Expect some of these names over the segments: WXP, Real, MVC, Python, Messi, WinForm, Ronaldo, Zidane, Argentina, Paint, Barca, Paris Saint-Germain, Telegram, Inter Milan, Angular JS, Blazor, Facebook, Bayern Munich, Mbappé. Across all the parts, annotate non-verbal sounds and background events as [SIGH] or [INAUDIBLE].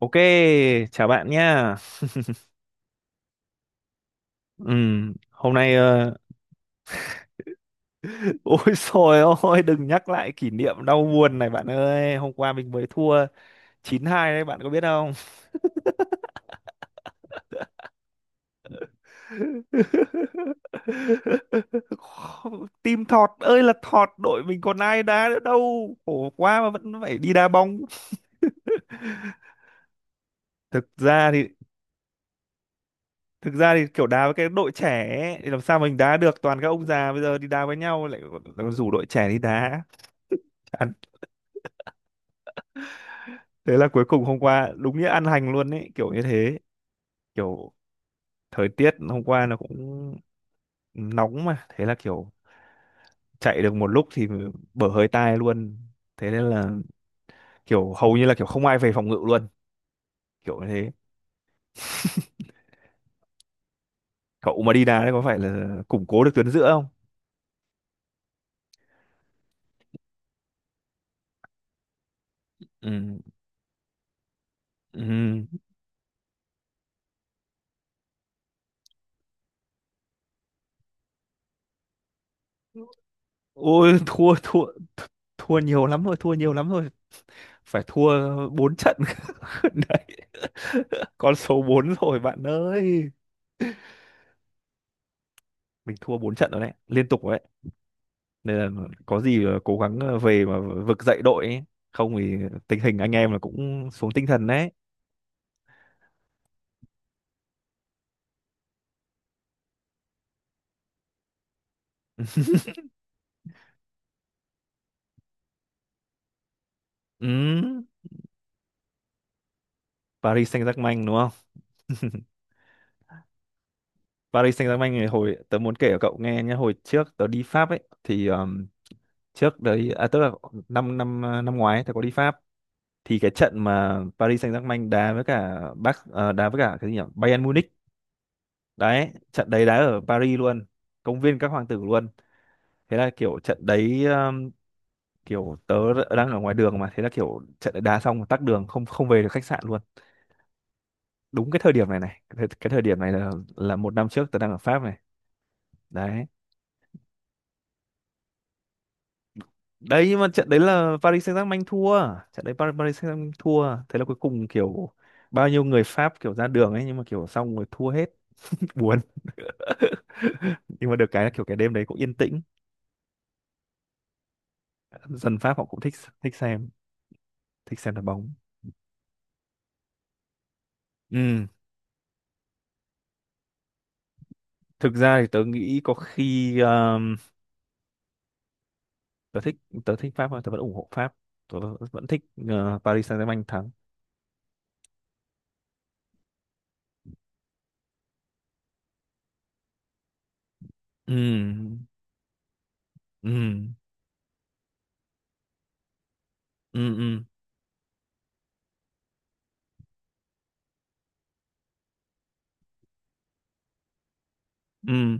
Ok, chào bạn nhá. Hôm nay [LAUGHS] ôi trời ơi, đừng nhắc lại kỷ niệm đau buồn này bạn ơi. Hôm qua mình mới thua 9-2 đấy, bạn có biết không? [LAUGHS] Team thọt ơi là thọt, đội mình còn ai đá nữa đâu. Khổ quá mà vẫn phải đi đá bóng. Thực ra thì thực ra thì kiểu đá với cái đội trẻ ấy, thì làm sao mình đá được, toàn các ông già bây giờ đi đá với nhau lại còn rủ đội trẻ đi đá. Thế là cuối cùng hôm qua đúng nghĩa ăn hành luôn ấy, kiểu như thế. Kiểu thời tiết hôm qua nó cũng nóng, mà thế là kiểu chạy được một lúc thì bở hơi tai luôn. Thế nên là kiểu hầu như là kiểu không ai về phòng ngự luôn, kiểu như thế. Cậu mà đi đá đấy có phải là củng cố được tuyến giữa không? Ừ, ừ, ôi, thua thua thua nhiều lắm rồi, thua nhiều lắm rồi. Phải thua 4 trận [LAUGHS] đấy, con số 4 rồi bạn ơi, mình thua 4 trận rồi đấy, liên tục rồi đấy, nên là có gì là cố gắng về mà vực dậy đội ấy. Không thì tình hình anh em là cũng xuống tinh thần đấy. Ừ. Paris Saint-Germain đúng không? [LAUGHS] Paris Saint-Germain này, hồi tớ muốn kể cho cậu nghe nhé, hồi trước tớ đi Pháp ấy thì trước đấy à, tức là năm năm à, năm ngoái ấy, tớ có đi Pháp, thì cái trận mà Paris Saint-Germain đá với cả đá với cả cái gì nhỉ, Bayern Munich đấy, trận đấy đá ở Paris luôn, công viên các hoàng tử luôn. Thế là kiểu trận đấy, kiểu tớ đang ở ngoài đường, mà thế là kiểu trận đá xong mà tắc đường, không không về được khách sạn luôn. Đúng cái thời điểm này này cái thời điểm này là một năm trước tớ đang ở Pháp này đấy. Đấy nhưng mà trận đấy là Paris Saint-Germain thua, trận đấy Paris Saint-Germain thua, thế là cuối cùng kiểu bao nhiêu người Pháp kiểu ra đường ấy, nhưng mà kiểu xong rồi thua hết. [LAUGHS] Buồn. [LAUGHS] Nhưng mà được cái là kiểu cái đêm đấy cũng yên tĩnh, dân Pháp họ cũng thích, thích xem thích xem đá bóng. Ừ, thực ra thì tớ nghĩ có khi, tớ thích, tớ thích Pháp thôi, tớ vẫn ủng hộ Pháp, tớ vẫn thích Paris Saint-Germain thắng. Ừ, ừ, ừ, ừ, ừ,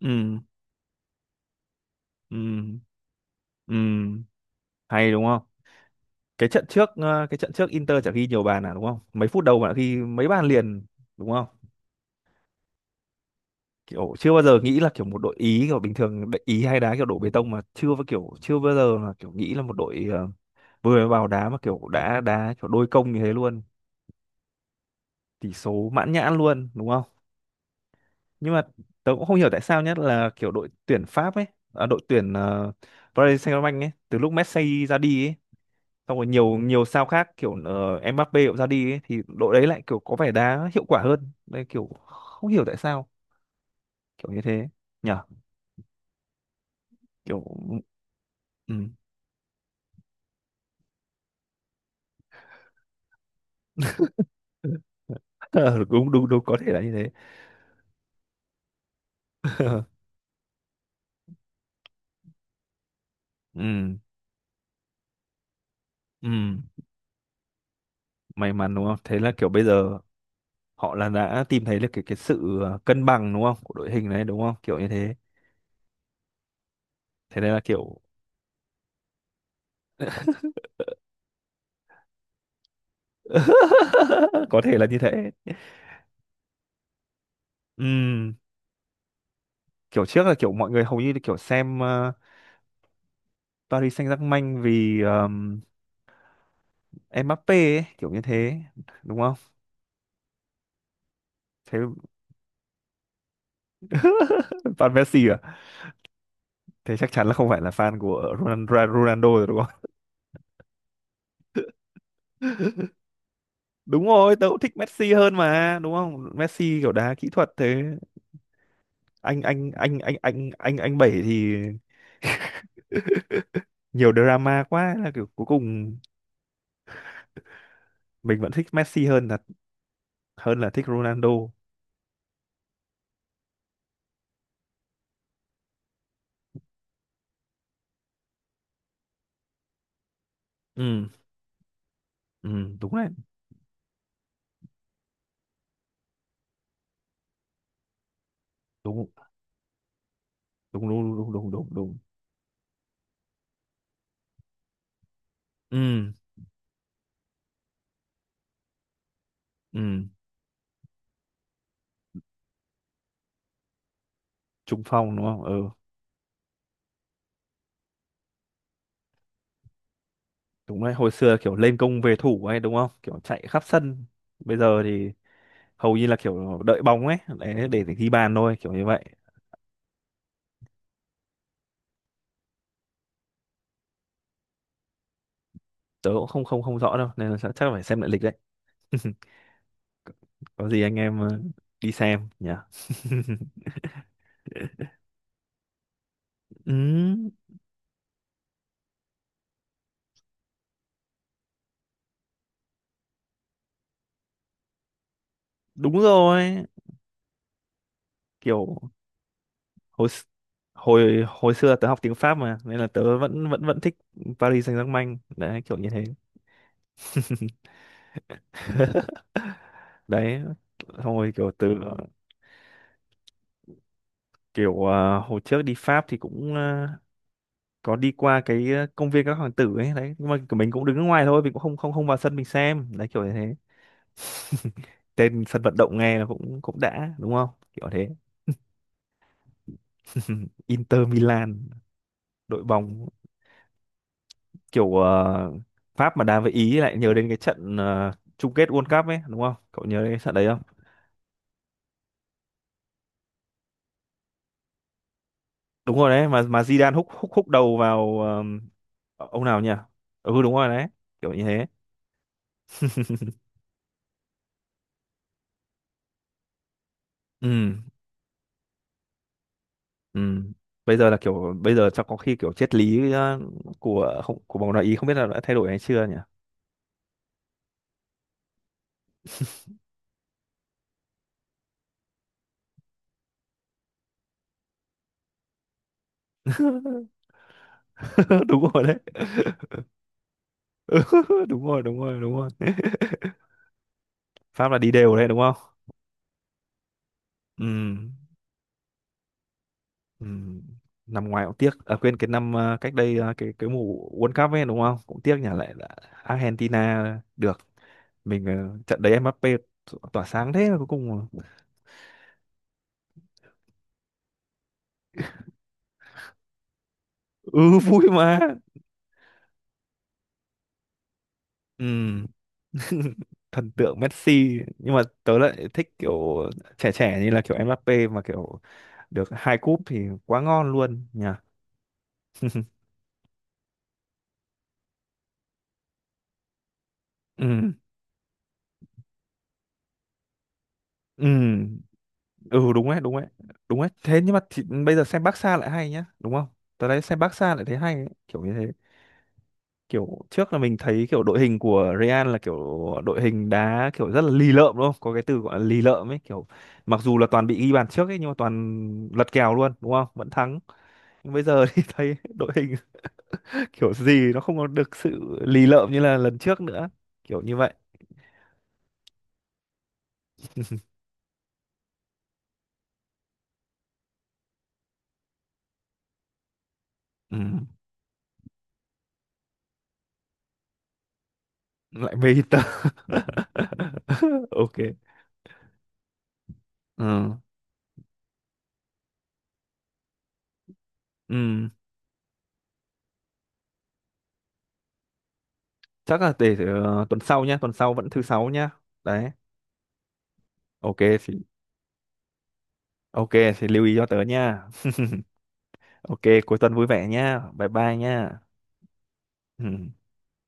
ừ, ừ, ừ, hay đúng không? Cái trận trước cái trận trước Inter chả ghi nhiều bàn à đúng không, mấy phút đầu bạn ghi mấy bàn liền đúng không? Kiểu chưa bao giờ nghĩ là kiểu một đội Ý, kiểu bình thường đội Ý hay đá kiểu đổ bê tông, mà chưa bao kiểu chưa bao giờ là kiểu nghĩ là một đội vừa mới vào đá mà kiểu đã đá kiểu đôi công như thế luôn, tỷ số mãn nhãn luôn đúng không? Nhưng mà tớ cũng không hiểu tại sao, nhất là kiểu đội tuyển Pháp ấy, à, đội tuyển Paris Saint-Germain ấy, từ lúc Messi ra đi ấy, xong rồi nhiều nhiều sao khác kiểu Mbappe cũng ra đi ấy, thì đội đấy lại kiểu có vẻ đá hiệu quả hơn đây, kiểu không hiểu tại sao, kiểu như thế nhở. Kiểu ừ. [LAUGHS] Ờ, đúng đúng đúng, có thể là như thế. Ừ, ừ, may mắn đúng không, thế là kiểu bây giờ họ là đã tìm thấy được cái sự cân bằng đúng không của đội hình đấy đúng không, kiểu như thế. Thế nên là kiểu [LAUGHS] có thể là như thế. Ừm, Kiểu trước là kiểu mọi người hầu như là kiểu xem Paris Saint-Germain vì Mbappé ấy, kiểu như thế, đúng không? Thế [LAUGHS] fan Messi à? Thế chắc chắn là không phải là fan của Ronaldo rồi đúng không? [LAUGHS] Đúng rồi, tớ cũng thích Messi hơn mà đúng không, Messi kiểu đá kỹ thuật thế. Anh bảy thì nhiều drama quá, là kiểu cuối cùng mình vẫn thích Messi hơn là thích Ronaldo. Ừ, ừ, đúng đấy, đúng đúng đúng đúng đúng đúng đúng. Ừ, ừ, trung phong đúng không? Ừ, đúng đấy, hồi xưa kiểu lên công về thủ ấy đúng không, kiểu chạy khắp sân, bây giờ thì hầu như là kiểu đợi bóng ấy để ghi bàn thôi, kiểu như vậy. Tớ cũng không không không rõ đâu, nên là chắc chắc là phải xem lại lịch đấy. [LAUGHS] Có gì anh em đi xem nhỉ. [LAUGHS] Ừ, đúng rồi. Kiểu hồi x- hồi hồi xưa tớ học tiếng Pháp mà, nên là tớ vẫn vẫn vẫn thích Paris Saint-Germain đấy, kiểu như thế. [LAUGHS] Đấy thôi, kiểu từ, kiểu à, hồi trước đi Pháp thì cũng à, có đi qua cái, à, công viên các hoàng tử ấy đấy, nhưng mà của mình cũng đứng ở ngoài thôi, mình cũng không không không vào sân mình xem đấy, kiểu như thế. [LAUGHS] Tên sân vận động nghe là cũng cũng đã đúng không, kiểu thế. [LAUGHS] Inter Milan, đội bóng kiểu Pháp mà đá với Ý lại nhớ đến cái trận chung kết World Cup ấy đúng không, cậu nhớ đến cái trận đấy. Đúng rồi đấy, mà Zidane húc húc húc đầu vào ông nào nhỉ. Ừ, đúng rồi đấy, kiểu như thế. Ừ, ừ, bây giờ là kiểu bây giờ chắc có khi kiểu triết lý của không của bóng đá Ý không biết là đã thay đổi hay chưa nhỉ. [LAUGHS] Đúng rồi đấy. [LAUGHS] Ừ, đúng rồi, đúng rồi, đúng rồi. Pháp là đi đều đấy đúng không? Ừ, ừ, năm ngoái cũng tiếc à, quên cái năm cách đây cái mùa World Cup ấy đúng không, cũng tiếc nhỉ, lại là Argentina được. Mình trận đấy tỏa sáng thế mà cuối cùng là-. Ừ, [LAUGHS] vui mà, ừ. [LAUGHS] Thần tượng Messi nhưng mà tớ lại thích kiểu trẻ trẻ như là kiểu Mbappe, mà kiểu được hai cúp thì quá ngon luôn nhỉ. Ừ, ừ, ừ, đúng đấy, đúng đấy, đúng đấy. Thế nhưng mà thì bây giờ xem Barca lại hay nhá đúng không, tớ đấy xem Barca lại thấy hay ấy, kiểu như thế. Kiểu trước là mình thấy kiểu đội hình của Real là kiểu đội hình đá kiểu rất là lì lợm đúng không? Có cái từ gọi là lì lợm ấy, kiểu mặc dù là toàn bị ghi bàn trước ấy, nhưng mà toàn lật kèo luôn đúng không? Vẫn thắng. Nhưng bây giờ thì [LAUGHS] thấy đội hình [LAUGHS] kiểu gì nó không có được sự lì lợm như là lần trước nữa. Kiểu như vậy. Ừ. Lại mê Inter. [LAUGHS] Ok. Ừ. Ừ. Chắc là để tuần sau nhá, tuần sau vẫn thứ sáu nhá. Đấy. Ok thì ok thì lưu ý cho tớ nha. Ok, cuối tuần vui vẻ nha. Bye bye nha. Ừ.